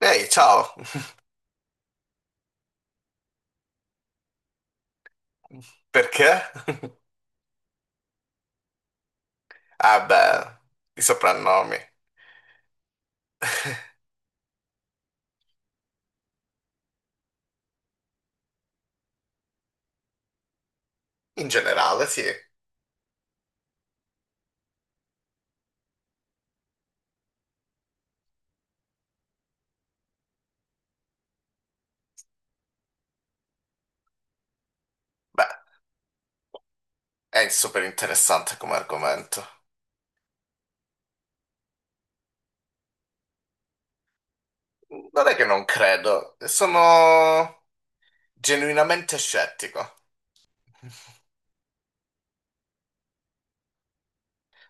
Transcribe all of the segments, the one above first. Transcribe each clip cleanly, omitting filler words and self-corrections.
Ehi, ciao! Perché? Ah beh, i soprannomi. In generale, sì. Beh, è super interessante come argomento. Non è che non credo, sono genuinamente scettico.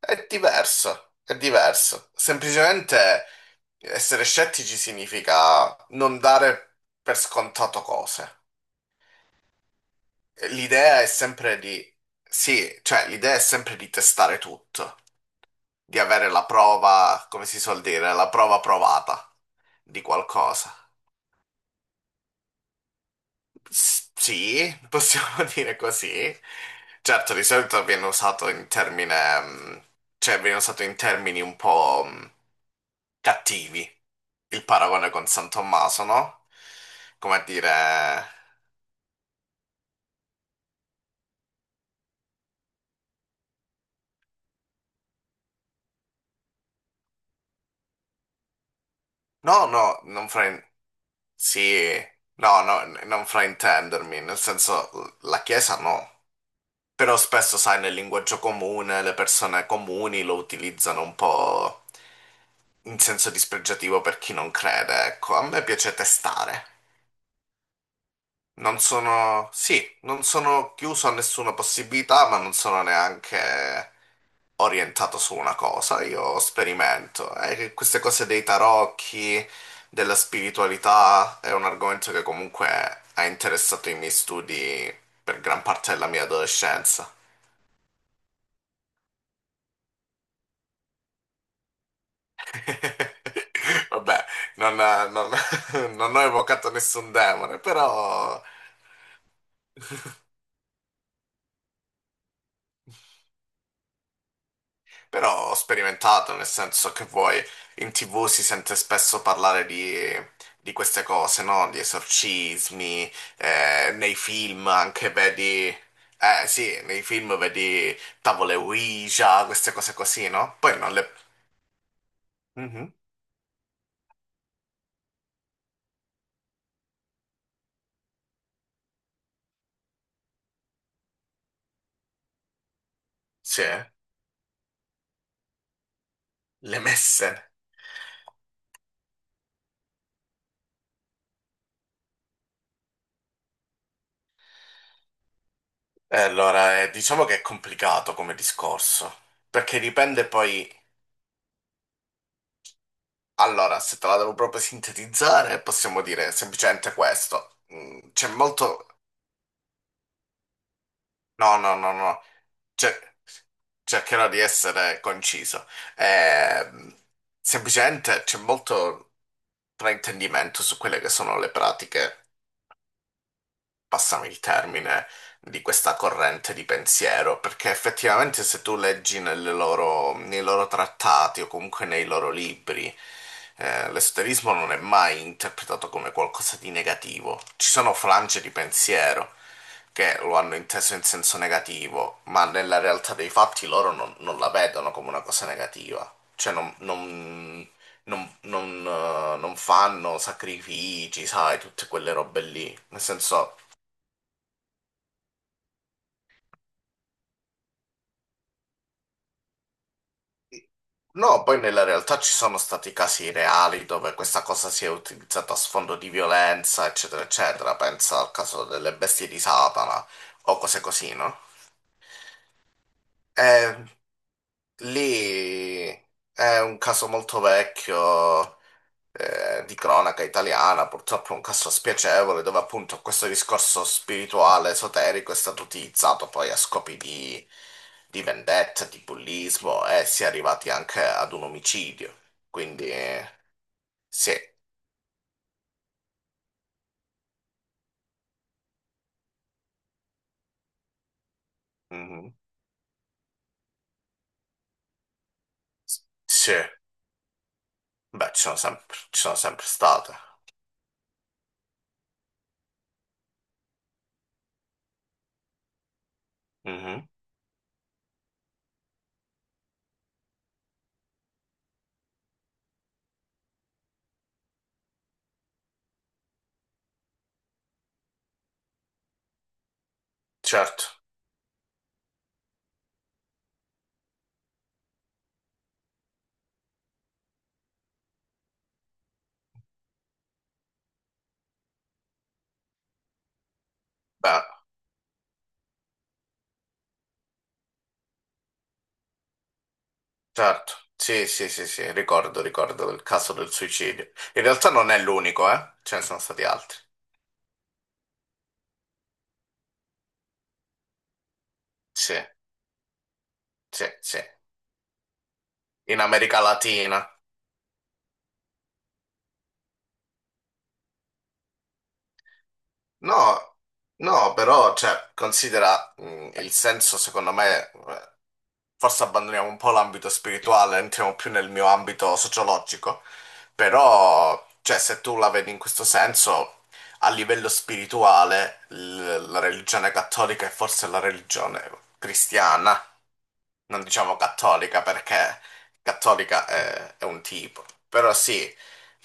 È diverso, è diverso. Semplicemente essere scettici significa non dare per scontato cose. L'idea è sempre di... Sì, cioè l'idea è sempre di testare tutto, di avere la prova, come si suol dire, la prova provata di qualcosa. Sì, possiamo dire così. Certo, di solito viene usato in termine, cioè viene usato in termini un po' cattivi, il paragone con San Tommaso, no? Come a dire, no, no, non... Sì, no, no, non fraintendermi, nel senso, la Chiesa no. Però spesso, sai, nel linguaggio comune le persone comuni lo utilizzano un po' in senso dispregiativo per chi non crede, ecco. A me piace testare. Non sono, sì, non sono chiuso a nessuna possibilità, ma non sono neanche orientato su una cosa. Io sperimento. E che queste cose dei tarocchi, della spiritualità, è un argomento che comunque ha interessato i miei studi per gran parte della mia adolescenza. Vabbè, non, non- non ho evocato nessun demone, però, però ho sperimentato, nel senso che vuoi, in TV si sente spesso parlare di queste cose, no? Di esorcismi, nei film anche vedi... Eh sì, nei film vedi tavole Ouija, queste cose così, no? Poi non le... Mhm. Sì, le messe. E allora, diciamo che è complicato come discorso, perché dipende poi... Allora, se te la devo proprio sintetizzare, possiamo dire semplicemente questo. C'è molto... No, no, no, no. Cer- cercherò di essere conciso. Ehm, semplicemente c'è molto fraintendimento su quelle che sono le pratiche. Passami il termine, di questa corrente di pensiero, perché effettivamente se tu leggi nei loro trattati o comunque nei loro libri, l'esoterismo non è mai interpretato come qualcosa di negativo. Ci sono frange di pensiero che lo hanno inteso in senso negativo, ma nella realtà dei fatti loro non la vedono come una cosa negativa. Cioè non, non fanno sacrifici, sai, tutte quelle robe lì. Nel senso, no, poi nella realtà ci sono stati casi reali dove questa cosa si è utilizzata a sfondo di violenza, eccetera, eccetera. Pensa al caso delle bestie di Satana o cose così, no? Eh, lì è un caso molto vecchio, di cronaca italiana, purtroppo un caso spiacevole dove appunto questo discorso spirituale, esoterico è stato utilizzato poi a scopi di vendetta, di bullismo e si è arrivati anche ad un omicidio. Quindi sì. Mhm. Sì, beh, ci sono sempre state. Mhm. Certo, beh. Certo, sì, sì, sì, sì, ricordo, ricordo il caso del suicidio. In realtà non è l'unico, eh? Ce ne sono stati altri. Sì, sì, sì. In America Latina. No, no, però, cioè, considera, il senso, secondo me, forse abbandoniamo un po' l'ambito spirituale, entriamo più nel mio ambito sociologico, però, cioè, se tu la vedi in questo senso, a livello spirituale, la religione cattolica è forse la religione cristiana, non diciamo cattolica perché cattolica è un tipo, però sì,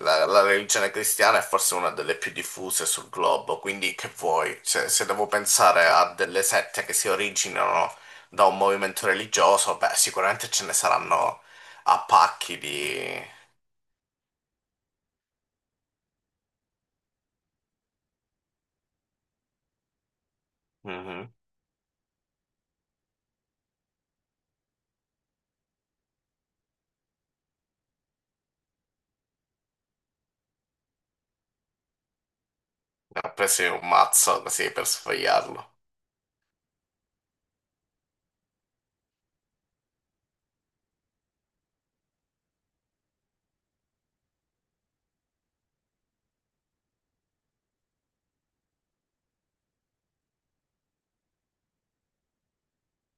la religione cristiana è forse una delle più diffuse sul globo, quindi che vuoi? Se, se devo pensare a delle sette che si originano da un movimento religioso, beh, sicuramente ce ne saranno a pacchi di... Mhm. Ne ho preso un mazzo così per sfogliarlo.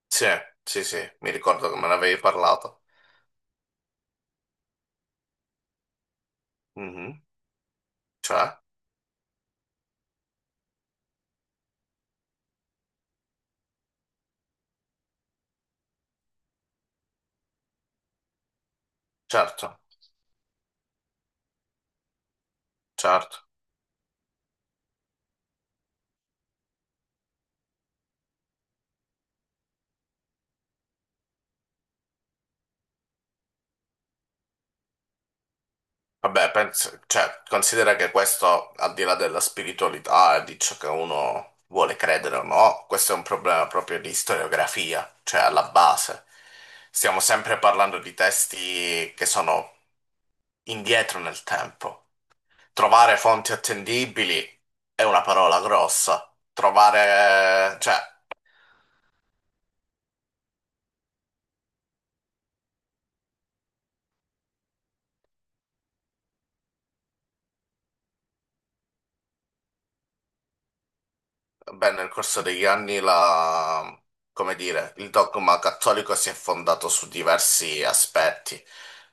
Sì, sì, sì, mi ricordo che me ne avevi parlato. Mhm. Cioè, certo, certo. Vabbè, cioè, considera che questo, al di là della spiritualità e di ciò che uno vuole credere o no, questo è un problema proprio di storiografia, cioè alla base. Stiamo sempre parlando di testi che sono indietro nel tempo. Trovare fonti attendibili è una parola grossa. Trovare, cioè. Beh, nel corso degli anni come dire, il dogma cattolico si è fondato su diversi aspetti.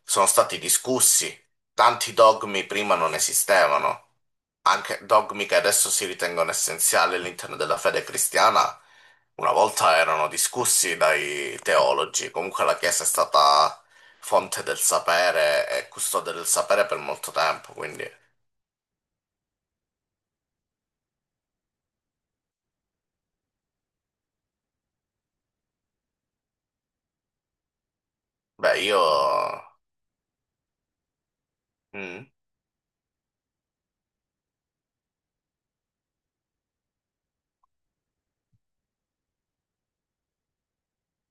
Sono stati discussi, tanti dogmi prima non esistevano, anche dogmi che adesso si ritengono essenziali all'interno della fede cristiana, una volta erano discussi dai teologi. Comunque la Chiesa è stata fonte del sapere e custode del sapere per molto tempo, quindi beh, io... Mm.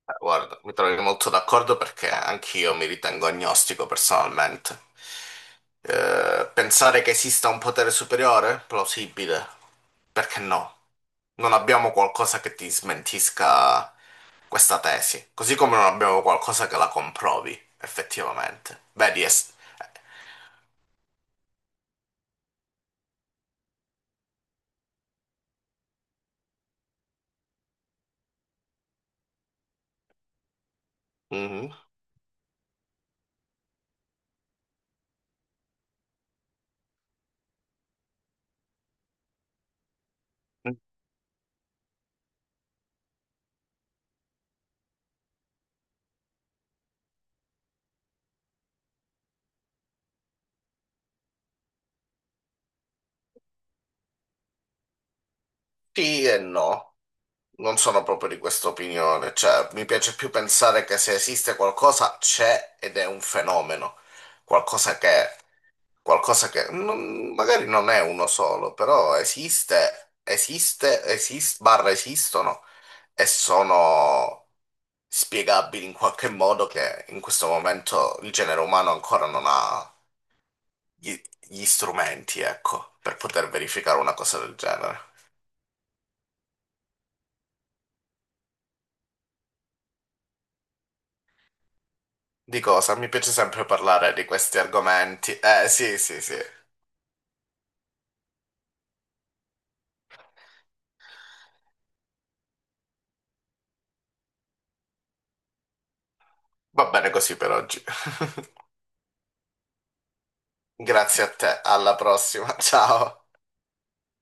Guarda, mi trovi molto d'accordo perché anch'io mi ritengo agnostico personalmente. Pensare che esista un potere superiore? Plausibile. Perché no? Non abbiamo qualcosa che ti smentisca questa tesi, così come non abbiamo qualcosa che la comprovi, effettivamente. Vedi, es- Mhm. Sì e no. Non sono proprio di questa opinione, cioè mi piace più pensare che se esiste qualcosa c'è ed è un fenomeno, qualcosa che qualcosa che magari non è uno solo, però esiste, esiste, esiste, barra esistono e sono spiegabili in qualche modo che in questo momento il genere umano ancora non ha gli, gli strumenti, ecco, per poter verificare una cosa del genere. Di cosa? Mi piace sempre parlare di questi argomenti. Sì, sì, sì. Va bene così per oggi. Grazie a te, alla prossima, ciao.